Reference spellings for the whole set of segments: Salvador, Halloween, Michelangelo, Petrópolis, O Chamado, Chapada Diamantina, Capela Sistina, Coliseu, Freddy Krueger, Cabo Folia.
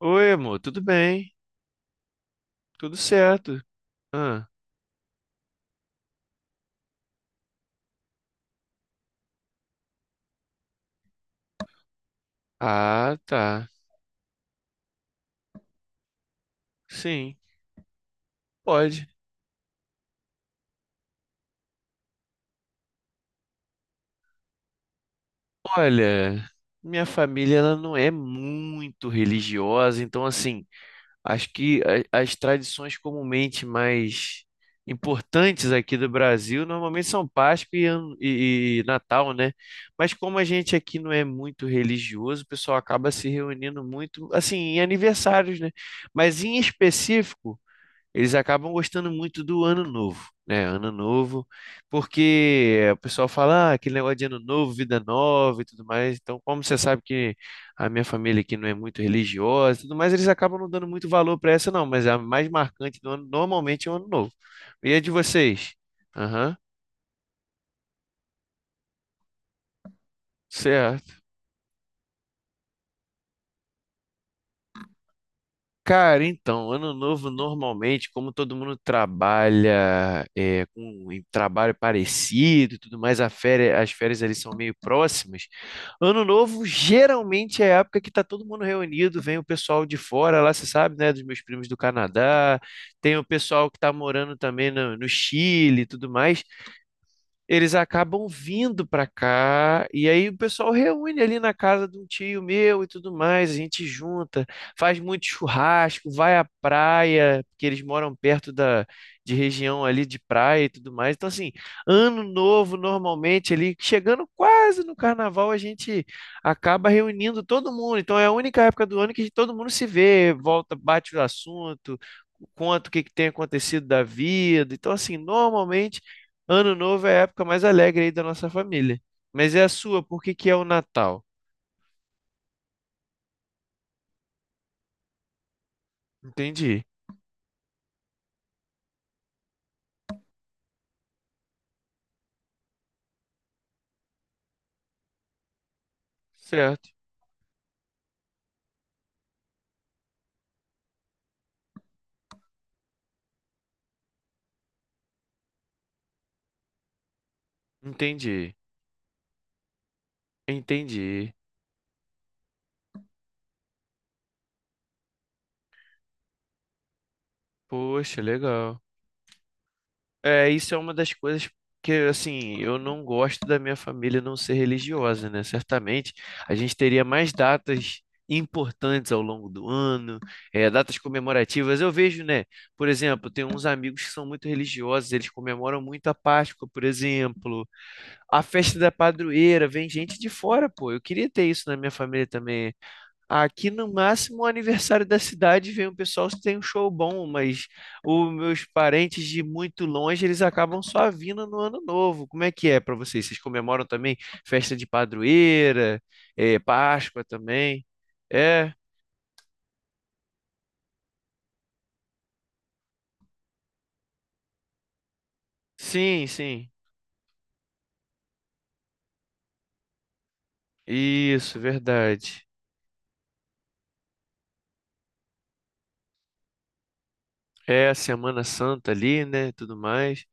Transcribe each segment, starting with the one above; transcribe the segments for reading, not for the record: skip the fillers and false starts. Oi, amor, tudo bem? Tudo certo? Ah, tá. Sim, pode. Olha, minha família ela não é muito religiosa, então assim, acho que as tradições comumente mais importantes aqui do Brasil normalmente são Páscoa e Natal, né? Mas como a gente aqui não é muito religioso, o pessoal acaba se reunindo muito, assim, em aniversários, né? Mas em específico eles acabam gostando muito do Ano Novo, né? Ano Novo, porque o pessoal fala ah, aquele negócio de Ano Novo, vida nova e tudo mais. Então, como você sabe que a minha família aqui não é muito religiosa e tudo mais, eles acabam não dando muito valor para essa, não. Mas a mais marcante do ano normalmente é o Ano Novo. E a de vocês? Aham. Cê- Cara, então, ano novo normalmente, como todo mundo trabalha é, com um trabalho parecido e tudo mais, as férias ali são meio próximas. Ano novo geralmente é a época que tá todo mundo reunido, vem o pessoal de fora lá, você sabe, né, dos meus primos do Canadá, tem o pessoal que tá morando também no Chile e tudo mais, eles acabam vindo para cá e aí o pessoal reúne ali na casa de um tio meu e tudo mais, a gente junta, faz muito churrasco, vai à praia, porque eles moram perto da de região ali de praia e tudo mais. Então assim, ano novo normalmente ali chegando quase no carnaval a gente acaba reunindo todo mundo. Então é a única época do ano que todo mundo se vê, volta, bate o assunto, conta o que que tem acontecido da vida. Então assim, normalmente Ano Novo é a época mais alegre aí da nossa família. Mas é a sua, por que que é o Natal? Entendi. Certo. Entendi. Entendi. Poxa, legal. É, isso é uma das coisas que, assim, eu não gosto da minha família não ser religiosa, né? Certamente a gente teria mais datas importantes ao longo do ano, é, datas comemorativas. Eu vejo, né? Por exemplo, tem uns amigos que são muito religiosos, eles comemoram muito a Páscoa, por exemplo. A festa da padroeira, vem gente de fora, pô. Eu queria ter isso na minha família também. Aqui no máximo o aniversário da cidade vem um pessoal que tem um show bom, mas os meus parentes de muito longe, eles acabam só vindo no ano novo. Como é que é pra vocês? Vocês comemoram também festa de padroeira, Páscoa também? É, sim, sim. Isso, verdade. É a Semana Santa ali, né? Tudo mais.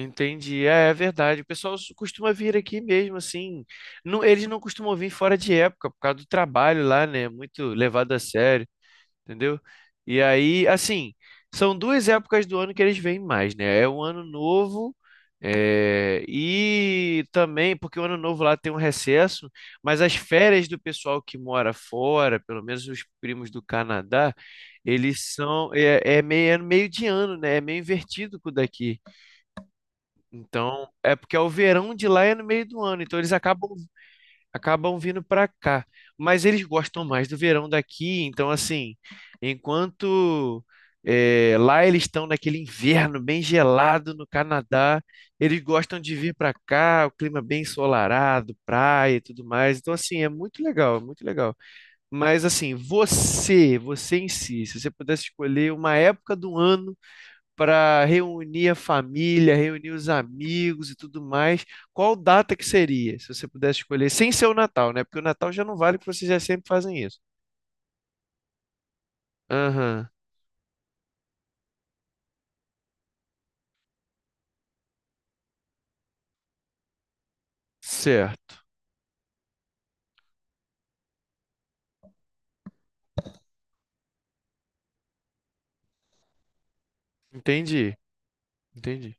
Entendi, é, é verdade. O costuma vir aqui mesmo, assim. Não, eles não costumam vir fora de época, por causa do trabalho lá, né? Muito levado a sério, entendeu? E aí, assim, são duas épocas do ano que eles vêm mais, né? É o ano novo, é, e também, porque o ano novo lá tem um recesso, mas as férias do pessoal que mora fora, pelo menos os primos do Canadá, eles são, é, é meio de ano, né? É meio invertido com o daqui. Então, é porque é o verão de lá é no meio do ano, então eles acabam vindo para cá. Mas eles gostam mais do verão daqui, então assim, enquanto lá eles estão naquele inverno bem gelado no Canadá, eles gostam de vir para cá, o clima bem ensolarado, praia e tudo mais. Então assim, é muito legal, é muito legal. Mas assim, você em si, se você pudesse escolher uma época do ano para reunir a família, reunir os amigos e tudo mais, qual data que seria, se você pudesse escolher, sem ser o Natal, né? Porque o Natal já não vale, porque vocês já sempre fazem isso. Aham, certo. Entendi, entendi.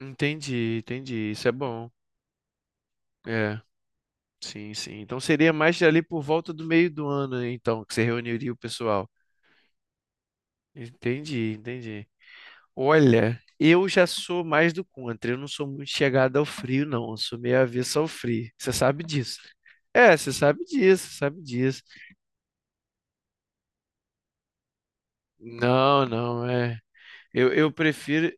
Entendi, entendi. Isso é bom. É, sim, sim. Então seria mais ali por volta do meio do ano, então, que você reuniria o pessoal. Entendi, entendi. Olha, eu já sou mais do contra. Eu não sou muito chegado ao frio, não. Eu sou meio avesso ao frio. Você sabe disso, né? É, você sabe disso, você sabe disso. Não, não, é. Eu, eu prefiro,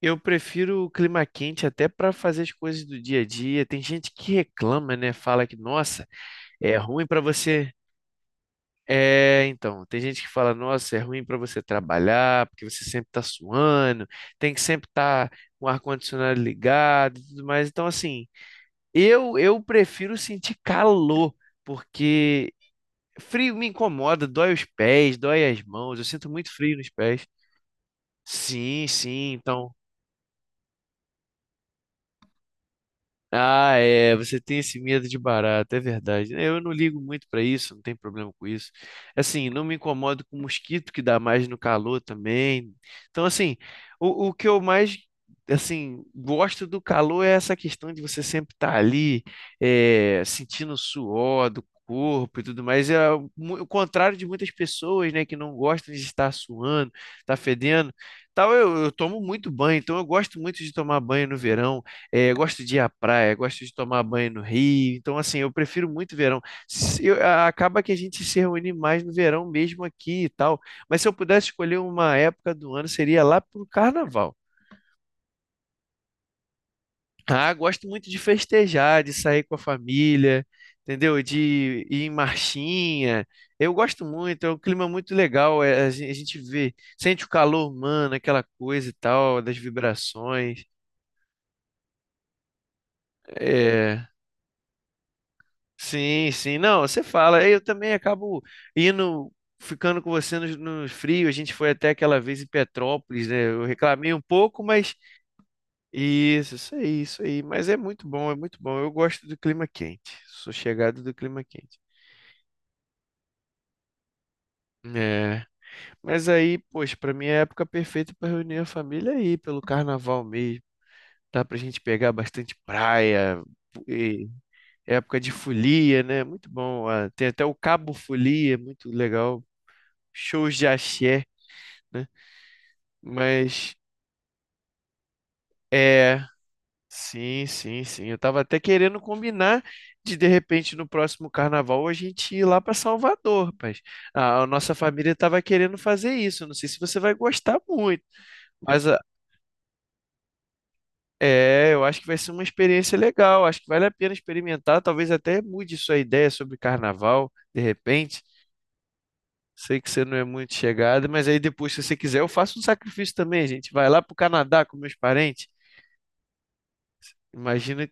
eu prefiro o clima quente até para fazer as coisas do dia a dia. Tem gente que reclama, né? Fala que, nossa, é ruim para você. É, então, tem gente que fala, nossa, é ruim para você trabalhar, porque você sempre tá suando, tem que sempre estar com o ar-condicionado ligado e tudo mais. Então, assim. Eu prefiro sentir calor, porque frio me incomoda, dói os pés, dói as mãos, eu sinto muito frio nos pés. Sim, sim, então. Ah, é, você tem esse medo de barato, é verdade, né? Eu não ligo muito pra isso, não tem problema com isso. Assim, não me incomodo com mosquito que dá mais no calor também. Então, assim, o que eu mais assim gosto do calor é essa questão de você sempre estar ali, é, sentindo o suor do corpo e tudo mais. É o contrário de muitas pessoas, né, que não gostam de estar suando, estar fedendo. Tal, eu tomo muito banho, então eu gosto muito de tomar banho no verão. É, gosto de ir à praia, gosto de tomar banho no Rio. Então, assim, eu prefiro muito verão. Se eu- a- acaba que a gente se reúne mais no verão mesmo aqui e tal. Mas se eu pudesse escolher uma época do ano, seria lá pro carnaval. Ah, gosto muito de festejar, de sair com a família, entendeu? De ir em marchinha. Eu gosto muito, é um clima muito legal. É, a gente vê, sente o calor humano, aquela coisa e tal, das vibrações. É, sim, sim. Não, você fala. Eu também acabo indo, ficando com você nos no frio. A gente foi até aquela vez em Petrópolis, né? Eu reclamei um pouco, mas isso aí, isso aí. Mas é muito bom, é muito bom. Eu gosto do clima quente. Sou chegado do clima quente. É. Mas aí, poxa, para mim é a época perfeita para reunir a família aí, pelo carnaval mesmo. Dá pra gente pegar bastante praia, e época de folia, né? Muito bom. Ah, tem até o Cabo Folia, muito legal. Shows de axé, né? Mas é, sim, sim, sim. Eu tava até querendo combinar de repente no próximo carnaval a gente ir lá para Salvador, rapaz. A nossa família tava querendo fazer isso. Não sei se você vai gostar muito, mas é, eu acho que vai ser uma experiência legal. Acho que vale a pena experimentar. Talvez até mude sua ideia sobre carnaval, de repente. Sei que você não é muito chegada, mas aí depois, se você quiser, eu faço um sacrifício também, gente. Vai lá pro Canadá com meus parentes. Imagina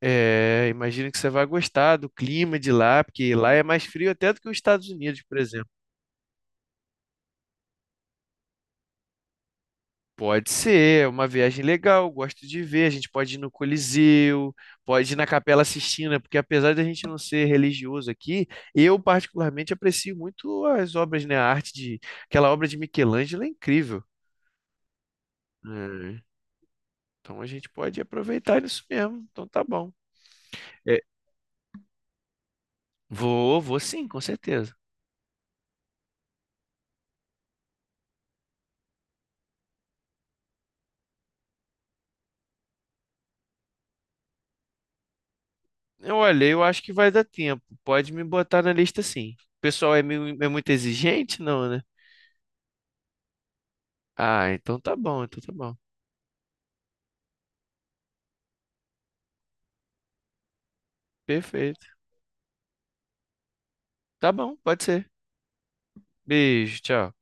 É, imagino que você vai gostar do clima de lá, porque lá é mais frio até do que os Estados Unidos, por exemplo. Pode ser, é uma viagem legal, gosto de ver. A gente pode ir no Coliseu, pode ir na Capela Sistina, porque apesar de a gente não ser religioso aqui, eu particularmente aprecio muito as obras, né? A arte de aquela obra de Michelangelo é incrível. É, então a gente pode aproveitar isso mesmo. Então tá bom. É, vou, vou sim, com certeza. Eu olhei, eu acho que vai dar tempo. Pode me botar na lista sim. O pessoal é, meio, é muito exigente, não, né? Ah, então tá bom, então tá bom. Perfeito. Tá bom, pode ser. Beijo, tchau.